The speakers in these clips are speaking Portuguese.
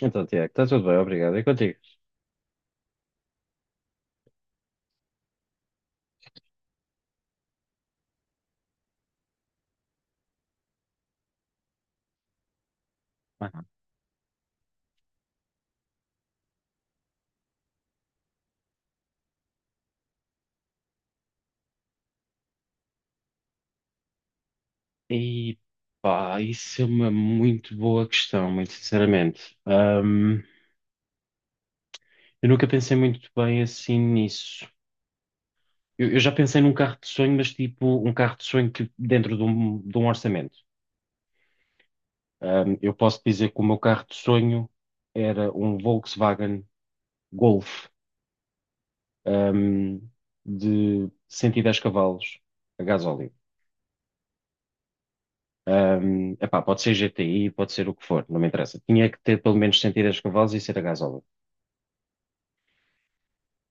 Então, Tiago, está tudo bem, obrigado. E contigo? Aham. E pá, isso é uma muito boa questão, muito sinceramente. Eu nunca pensei muito bem assim nisso. Eu já pensei num carro de sonho, mas tipo um carro de sonho que dentro de um orçamento. Eu posso dizer que o meu carro de sonho era um Volkswagen Golf, ahm, de 110 cavalos a gasóleo. Epá, pode ser GTI, pode ser o que for, não me interessa. Tinha que ter pelo menos 110 cavalos e ser a gasóleo.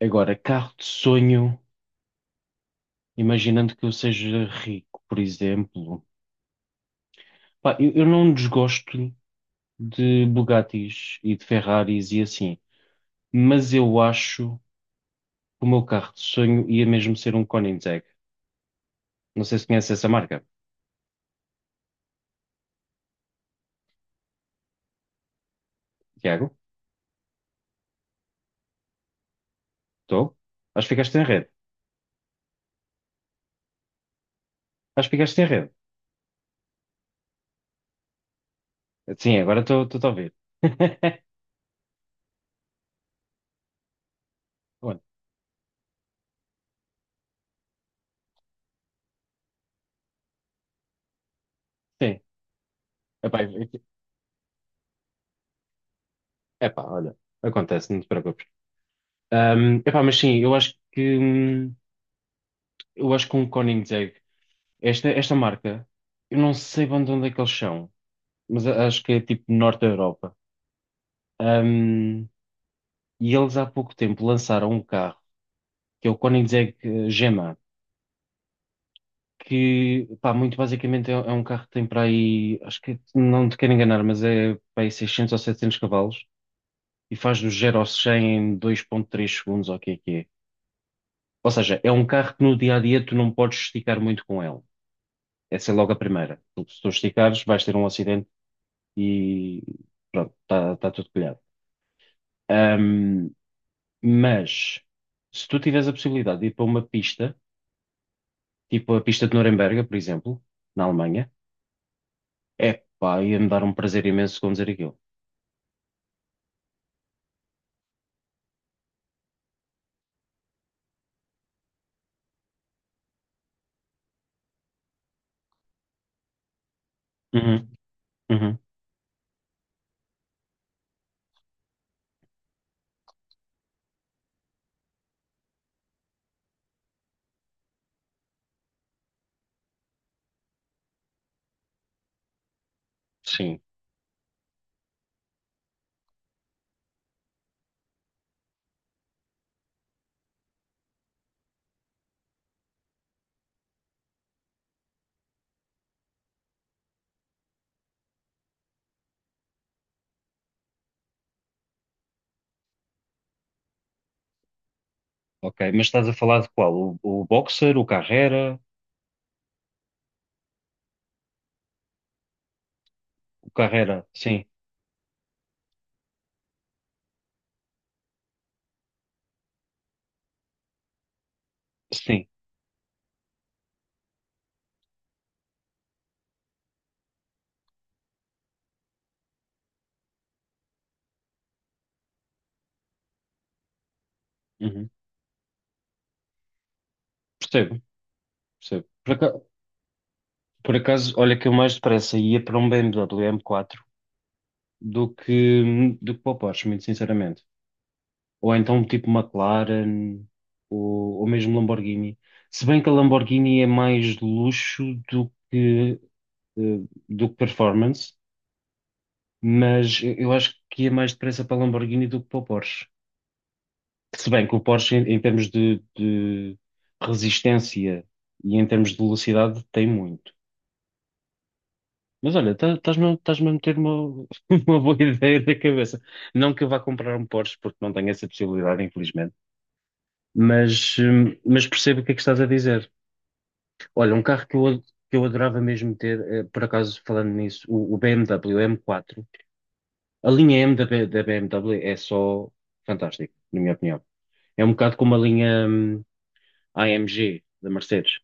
Agora, carro de sonho, imaginando que eu seja rico, por exemplo. Pá, eu não desgosto de Bugattis e de Ferraris e assim, mas eu acho que o meu carro de sonho ia mesmo ser um Koenigsegg. Não sei se conhece essa marca. Tiago? Estou? Acho que ficaste em rede. Acho que ficaste em rede. Sim, agora estou a ouvir. Bom. Sim. Epá. Epá, olha, acontece, não te preocupes. Epá, mas sim, eu acho que um Koenigsegg, esta marca, eu não sei bem de onde é que eles são, mas acho que é tipo norte da Europa. Ahm, e eles há pouco tempo lançaram um carro, que é o Koenigsegg Gema, que, pá, muito basicamente é um carro que tem para aí, acho que não te quero enganar, mas é para aí 600 ou 700 cavalos e faz do zero ao 100 em 2.3 segundos, ou o que é que é. Ou seja, é um carro que no dia a dia tu não podes esticar muito com ele. Essa é logo a primeira. Porque se tu esticares, vais ter um acidente e pronto, está tudo colhado. Ahm, mas se tu tiveres a possibilidade de ir para uma pista, tipo a pista de Nuremberg, por exemplo, na Alemanha, é pá, ia-me dar um prazer imenso conduzir aquilo. Uhum, uhum, sim, ok. Mas estás a falar de qual? O Boxer, o Carrera? O Carrera, sim, sim. Uhum. Percebo, percebo. Por acaso, olha que eu mais depressa ia para um BMW M4 do que para o Porsche, muito sinceramente. Ou então tipo McLaren, ou mesmo Lamborghini. Se bem que a Lamborghini é mais luxo do eh, do que performance, mas eu acho que ia mais depressa para a Lamborghini do que para o Porsche. Se bem que o Porsche, em termos de resistência e em termos de velocidade, tem muito. Mas olha, estás-me a meter uma, uma boa ideia na cabeça. Não que eu vá comprar um Porsche, porque não tenho essa possibilidade, infelizmente, mas percebo o que é que estás a dizer. Olha, um carro que eu adorava mesmo ter, por acaso falando nisso, o BMW M4. A linha M da BMW é só fantástica, na minha opinião. É um bocado como a linha, AMG da Mercedes,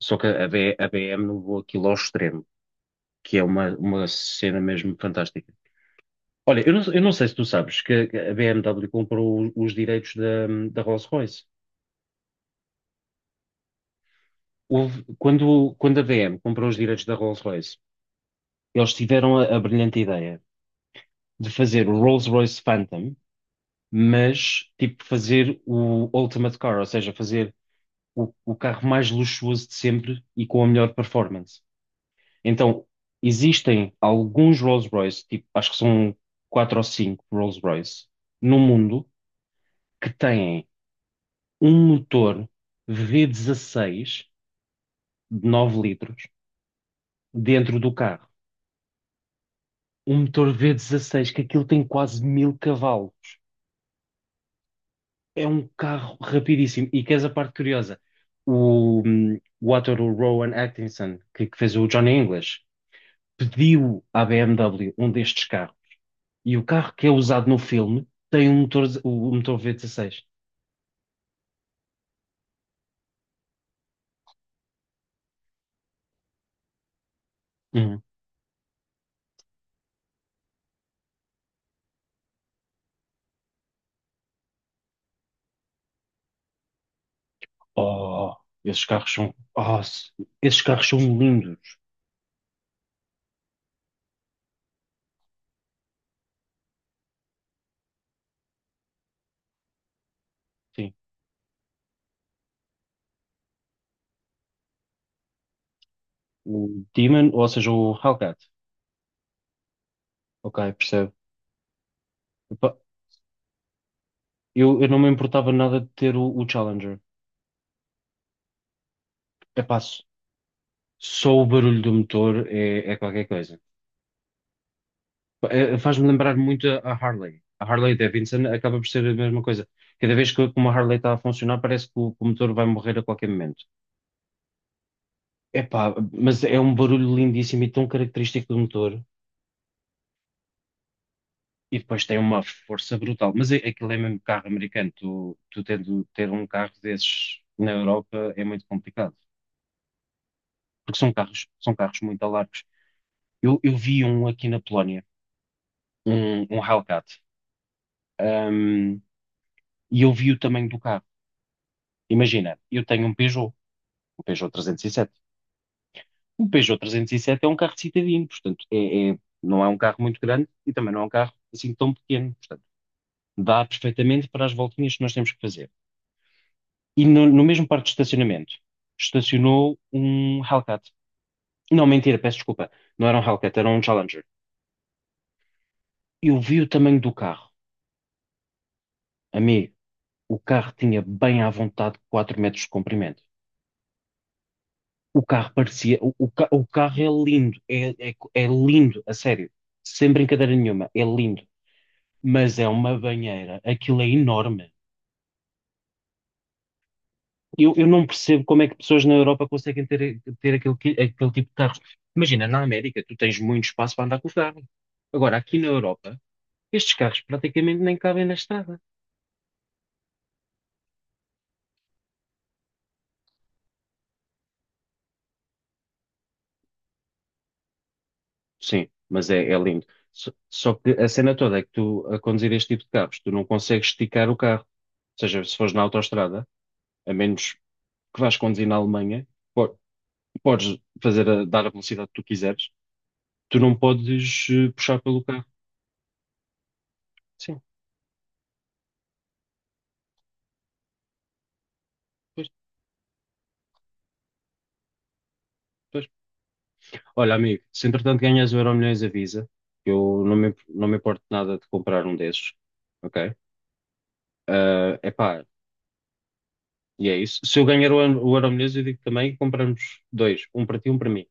só que a BM não voa aquilo ao extremo, que é uma cena mesmo fantástica. Olha, eu não sei se tu sabes que a BMW comprou os direitos da Rolls-Royce. Quando a BM comprou os direitos da Rolls-Royce, eles tiveram a brilhante ideia de fazer o Rolls-Royce Phantom, mas tipo fazer o Ultimate Car, ou seja, fazer o carro mais luxuoso de sempre e com a melhor performance. Então, existem alguns Rolls-Royce, tipo, acho que são quatro ou cinco Rolls-Royce, no mundo que têm. Um motor v dezasseis de 9 litros dentro do carro. Um motor v dezasseis que aquilo tem quase 1000 cavalos. É um carro rapidíssimo. E queres a parte curiosa? O ator o Rowan Atkinson, que fez o Johnny English, pediu à BMW um destes carros. E o carro que é usado no filme tem um motor, o motor v dezasseis. Uhum. Oh, oh, esses carros são lindos. Sim. O Demon, ou seja, o Hellcat. Ok, percebo. Epá, eu não me importava nada de ter o Challenger. é s- Só o barulho do motor é qualquer coisa. Faz-me lembrar muito a Harley. A Harley Davidson acaba por ser a mesma coisa. Cada vez que uma Harley está a funcionar, parece que que o motor vai morrer a qualquer momento. Epá, mas é um barulho lindíssimo e tão característico do motor. E depois tem uma força brutal. Aquilo é mesmo carro americano. Tu tendo ter um carro desses na Europa é muito complicado. Porque são carros muito largos. Eu vi um aqui na Polónia, um Hellcat, hum, e eu vi o tamanho do carro. Imagina, eu tenho um Peugeot 307. Um Peugeot 307 é um carro de cidadino, portanto, não é um carro muito grande e também não é um carro assim tão pequeno. Portanto, dá perfeitamente para as voltinhas que nós temos que fazer. E no mesmo parque de estacionamento, estacionou um Hellcat. Não, mentira, peço desculpa. Não era um Hellcat, era um Challenger. Eu vi o tamanho do carro, amigo. O carro tinha bem à vontade 4 metros de comprimento. O carro parecia. O carro é lindo, é lindo, a sério. Sem brincadeira nenhuma, é lindo. Mas é uma banheira, aquilo é enorme. Eu não percebo como é que pessoas na Europa conseguem ter, ter aquele tipo de carros. Imagina, na América, tu tens muito espaço para andar com o carro. Agora, aqui na Europa, estes carros praticamente nem cabem na estrada. Sim, mas é lindo. Só que a cena toda é que tu, a conduzir este tipo de carros, tu não consegues esticar o carro. Ou seja, se fores na autoestrada, a menos que vás conduzir na Alemanha, po- podes dar a velocidade que tu quiseres, tu não podes puxar pelo carro. Sim, pois, pois. Olha, amigo, se entretanto ganhas o Euromilhões, avisa. Que eu não me importo nada de comprar um desses, ok? é epá, e é isso. Se eu ganhar o Euromilhões, eu digo também que compramos dois, um para ti e um para mim.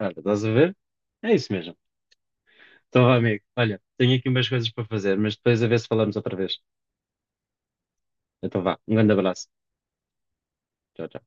Olha, estás a ver? É isso mesmo. Então, vá, amigo. Olha, tenho aqui umas coisas para fazer, mas depois a ver se falamos outra vez. Então, vá. Um grande abraço. Tchau, tchau.